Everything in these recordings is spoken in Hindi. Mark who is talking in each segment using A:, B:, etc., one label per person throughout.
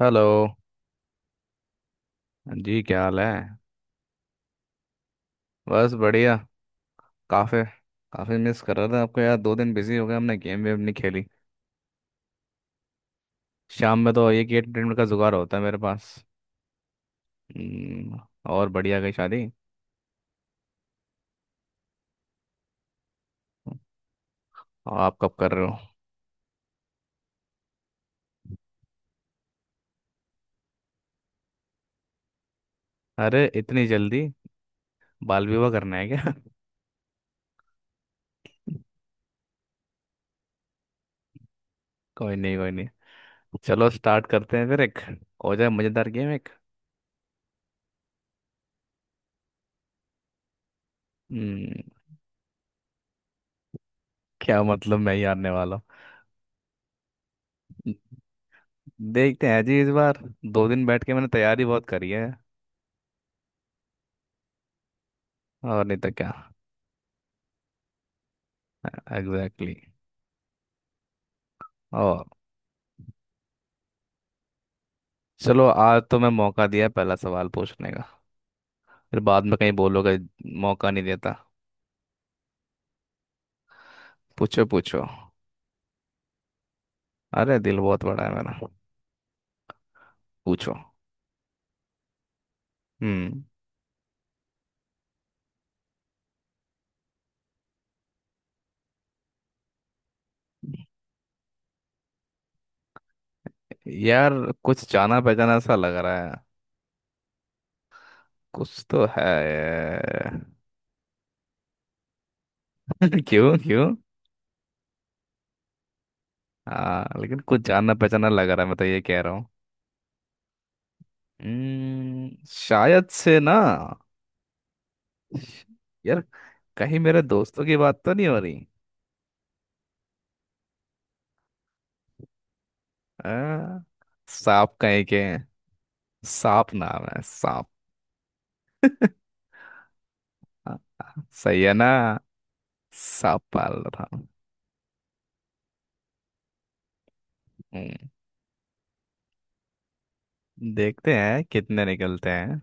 A: हेलो। जी, क्या हाल है। बस बढ़िया। काफ़ी काफ़ी मिस कर रहा था आपको यार। दो दिन बिजी हो गए, हमने गेम वेम नहीं खेली। शाम में तो एक एंटरटेनमेंट का जुगाड़ होता है मेरे पास। हम्म। और बढ़िया गई शादी। और आप कब कर रहे हो? अरे इतनी जल्दी! बाल विवाह करना है क्या कोई नहीं कोई नहीं। चलो स्टार्ट करते हैं फिर, एक हो जाए मज़ेदार गेम एक। हम्म। क्या मतलब, मैं ही हारने वाला हूँ? देखते हैं जी इस बार, दो दिन बैठ के मैंने तैयारी बहुत करी है। और नहीं तो क्या। एग्जैक्टली। और। चलो, आज तो मैं मौका दिया पहला सवाल पूछने का। फिर बाद में कहीं बोलोगे मौका नहीं देता। पूछो पूछो। अरे दिल बहुत बड़ा है मेरा। पूछो। हम्म। यार कुछ जाना पहचाना सा लग रहा है, कुछ तो है। क्यों क्यों? हाँ, लेकिन कुछ जाना पहचाना लग रहा है, मैं तो ये कह रहा हूँ। शायद से ना। यार कहीं मेरे दोस्तों की बात तो नहीं हो रही। आ, सांप कहीं के हैं। सांप नाम है सांप। हाँ, सही है ना। सांप पाल रहा हूँ। हम्म। देखते हैं कितने निकलते हैं।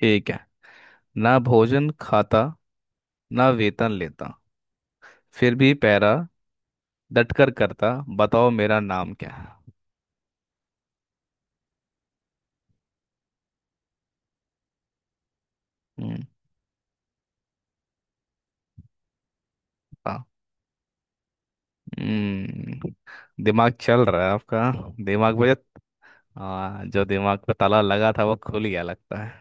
A: ठीक है। ना भोजन खाता, ना वेतन लेता, फिर भी पैरा डटकर करता, बताओ मेरा नाम क्या है। हम्म। हाँ। हम्म। दिमाग चल रहा है आपका, दिमाग पे। हाँ, जो दिमाग पे ताला लगा था वो खुल गया लगता है।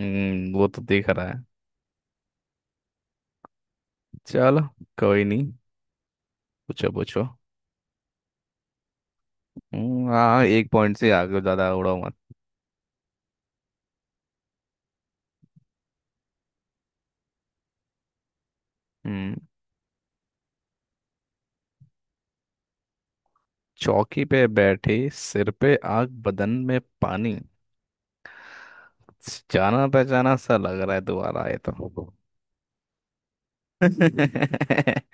A: हम्म, वो तो दिख रहा है। चलो। कोई नहीं। पूछो पूछो। हम्म। हाँ, एक पॉइंट से आगे ज्यादा उड़ो। हम्म। चौकी पे बैठी, सिर पे आग बदन में पानी, जाना पहचाना सा लग रहा है दोबारा आए तो।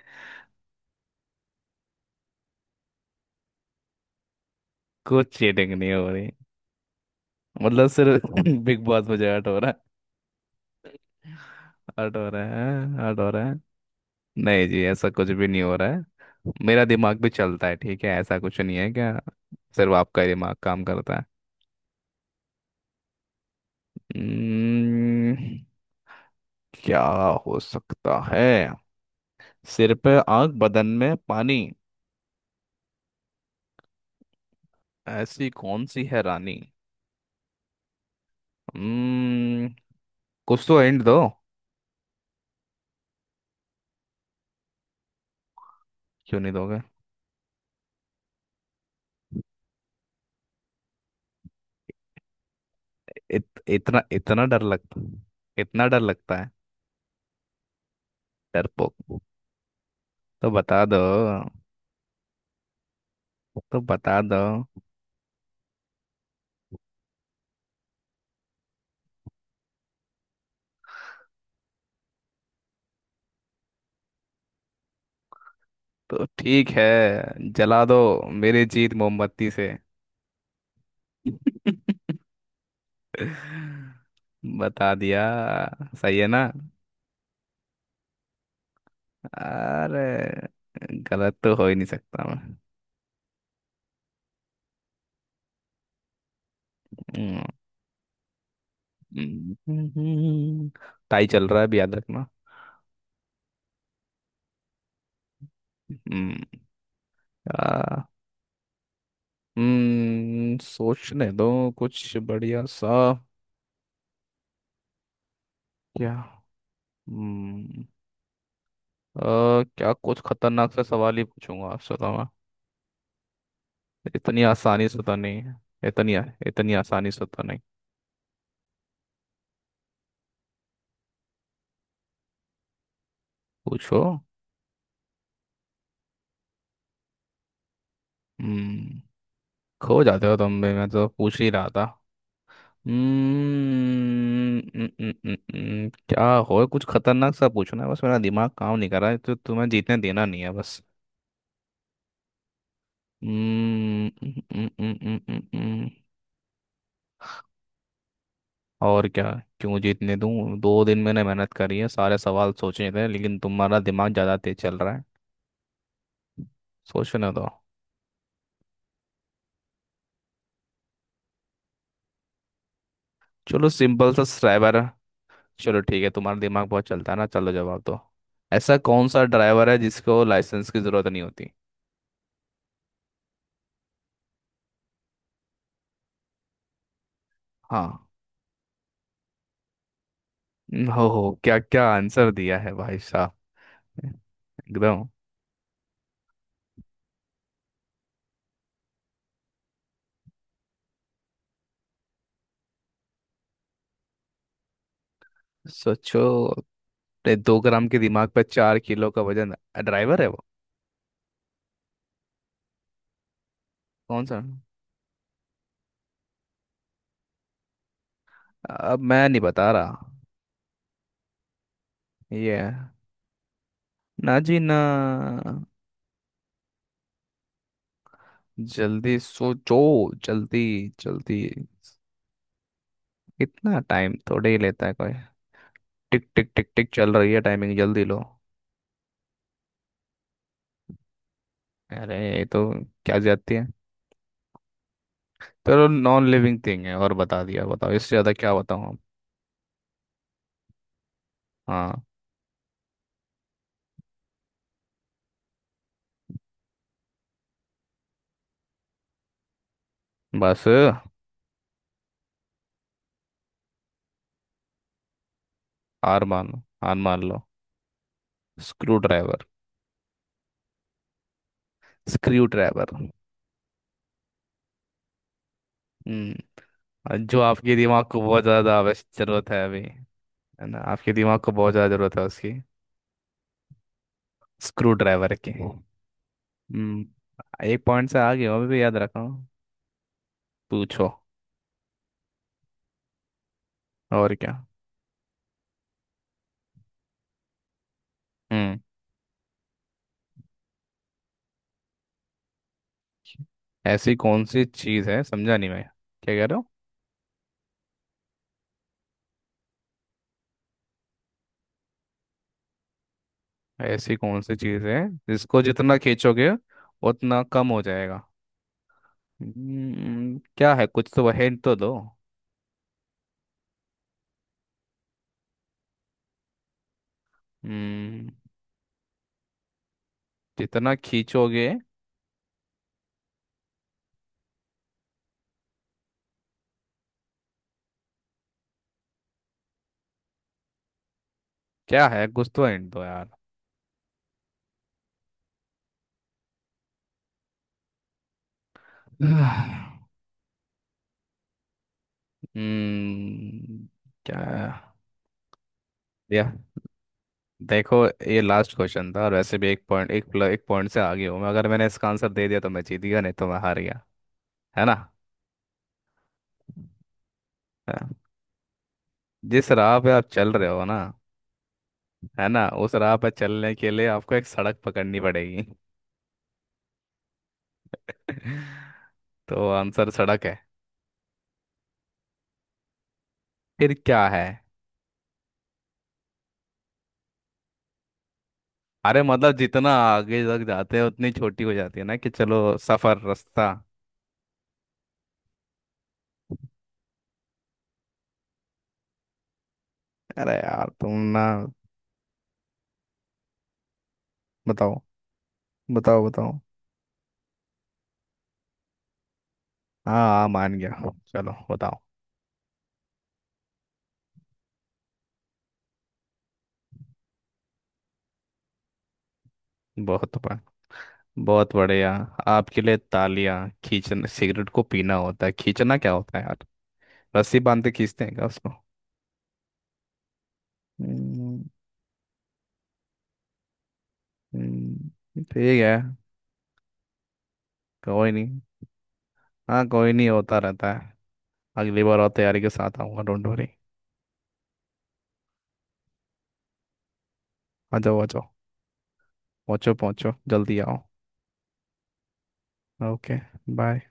A: कुछ चीटिंग नहीं हो रही। मतलब सिर्फ बिग बॉस, मुझे हर्ट हो रहा है, हर्ट हो रहा है, हर्ट हो रहा है। नहीं जी, ऐसा कुछ भी नहीं हो रहा है, मेरा दिमाग भी चलता है, ठीक है। ऐसा कुछ नहीं है क्या, सिर्फ आपका ही दिमाग काम करता है? हम्म। क्या हो सकता है? सिर पे आग बदन में पानी, ऐसी कौन सी है रानी? हम्म। कुछ तो एंड दो। क्यों नहीं दोगे? इत, इतना इतना डर लग इतना डर लगता है। डरपोक, तो बता दो, तो बता दो। तो ठीक है, जला दो मेरी जीत मोमबत्ती से। बता दिया, सही है ना? अरे गलत तो हो ही नहीं सकता मैं। हम्म। हम्म। टाई चल रहा है भी याद रखना। हम्म। हम्म, सोचने दो कुछ बढ़िया सा। क्या। हम्म। अ, क्या कुछ खतरनाक सा सवाल ही पूछूंगा आपसे तो मैं, इतनी आसानी से तो नहीं है। इतनी इतनी आसानी से तो नहीं। पूछो। हम्म। खो जाते हो तुम भी, मैं तो पूछ ही रहा था। हम्म। क्या हो, कुछ खतरनाक सा पूछना है बस, मेरा दिमाग काम नहीं कर रहा है तो तुम्हें जीतने देना नहीं है बस। हम्म। और क्या। क्यों जीतने दूं, दो दिन मैंने मेहनत करी है सारे सवाल सोचे थे, लेकिन तुम्हारा दिमाग ज़्यादा तेज चल रहा है। सोचने दो। चलो सिंपल सा ड्राइवर। चलो ठीक है, तुम्हारा दिमाग बहुत चलता है ना, चलो जवाब दो। ऐसा कौन सा ड्राइवर है जिसको लाइसेंस की ज़रूरत नहीं होती? हाँ। हो, क्या क्या आंसर दिया है भाई साहब ने। एकदम। सोचो अपने दो ग्राम के दिमाग पर चार किलो का वजन। ड्राइवर है वो। कौन सा? अब मैं नहीं बता रहा। ये है। ना जी ना। जल्दी सोचो। जल्दी। जल्दी, कितना टाइम थोड़े ही लेता है कोई। टिक टिक टिक टिक चल रही है टाइमिंग, जल्दी लो। अरे ये तो, क्या जाती है। चलो, नॉन लिविंग थिंग है और बता दिया, बताओ इससे ज्यादा क्या बताऊं अब। हाँ बस। हार मानो, हार मान लो। Screw driver. Screw driver. हम्म। और जो आपके दिमाग को बहुत ज्यादा आवश्यक जरूरत है अभी है ना, आपके दिमाग को बहुत ज्यादा जरूरत है उसकी, स्क्रू ड्राइवर की। हम्म, एक पॉइंट से आगे हो अभी भी, याद रखा हूँ। पूछो। और क्या। हम्म। ऐसी कौन सी चीज है, समझा नहीं मैं, क्या कह रहे हो? ऐसी कौन सी चीज है जिसको जितना खींचोगे उतना कम हो जाएगा? हम्म, क्या है, कुछ तो हिंट तो दो। हम्म। जितना खींचोगे। क्या है, कुछ तो हिंट दो यार। हम्म। क्या है? या देखो, ये लास्ट क्वेश्चन था, और वैसे भी एक पॉइंट, एक पॉइंट से आगे हूँ मैं, अगर मैंने इसका आंसर दे दिया तो मैं जीत गया, नहीं तो मैं हार गया, है ना। हाँ। जिस राह पे आप चल रहे हो ना, है ना, उस राह पे चलने के लिए आपको एक सड़क पकड़नी पड़ेगी। तो आंसर सड़क है। फिर क्या है? अरे मतलब जितना आगे तक जाते हैं उतनी छोटी हो जाती है ना, कि चलो सफर, रास्ता। अरे यार तुम ना। बताओ बताओ बताओ। हाँ हाँ, मान गया। चलो बताओ। बहुत, बहुत बढ़िया। आपके लिए तालियां। खींचना सिगरेट को पीना होता है, खींचना क्या होता है यार? रस्सी बांध के खींचते हैं क्या उसको? हम्म। हम्म। ठीक है। कोई नहीं। हाँ कोई नहीं, होता रहता है। अगली बार और तैयारी के साथ आऊंगा, डोंट वरी। आ जाओ आ जाओ। पहुँचो पहुँचो, जल्दी आओ। Okay bye.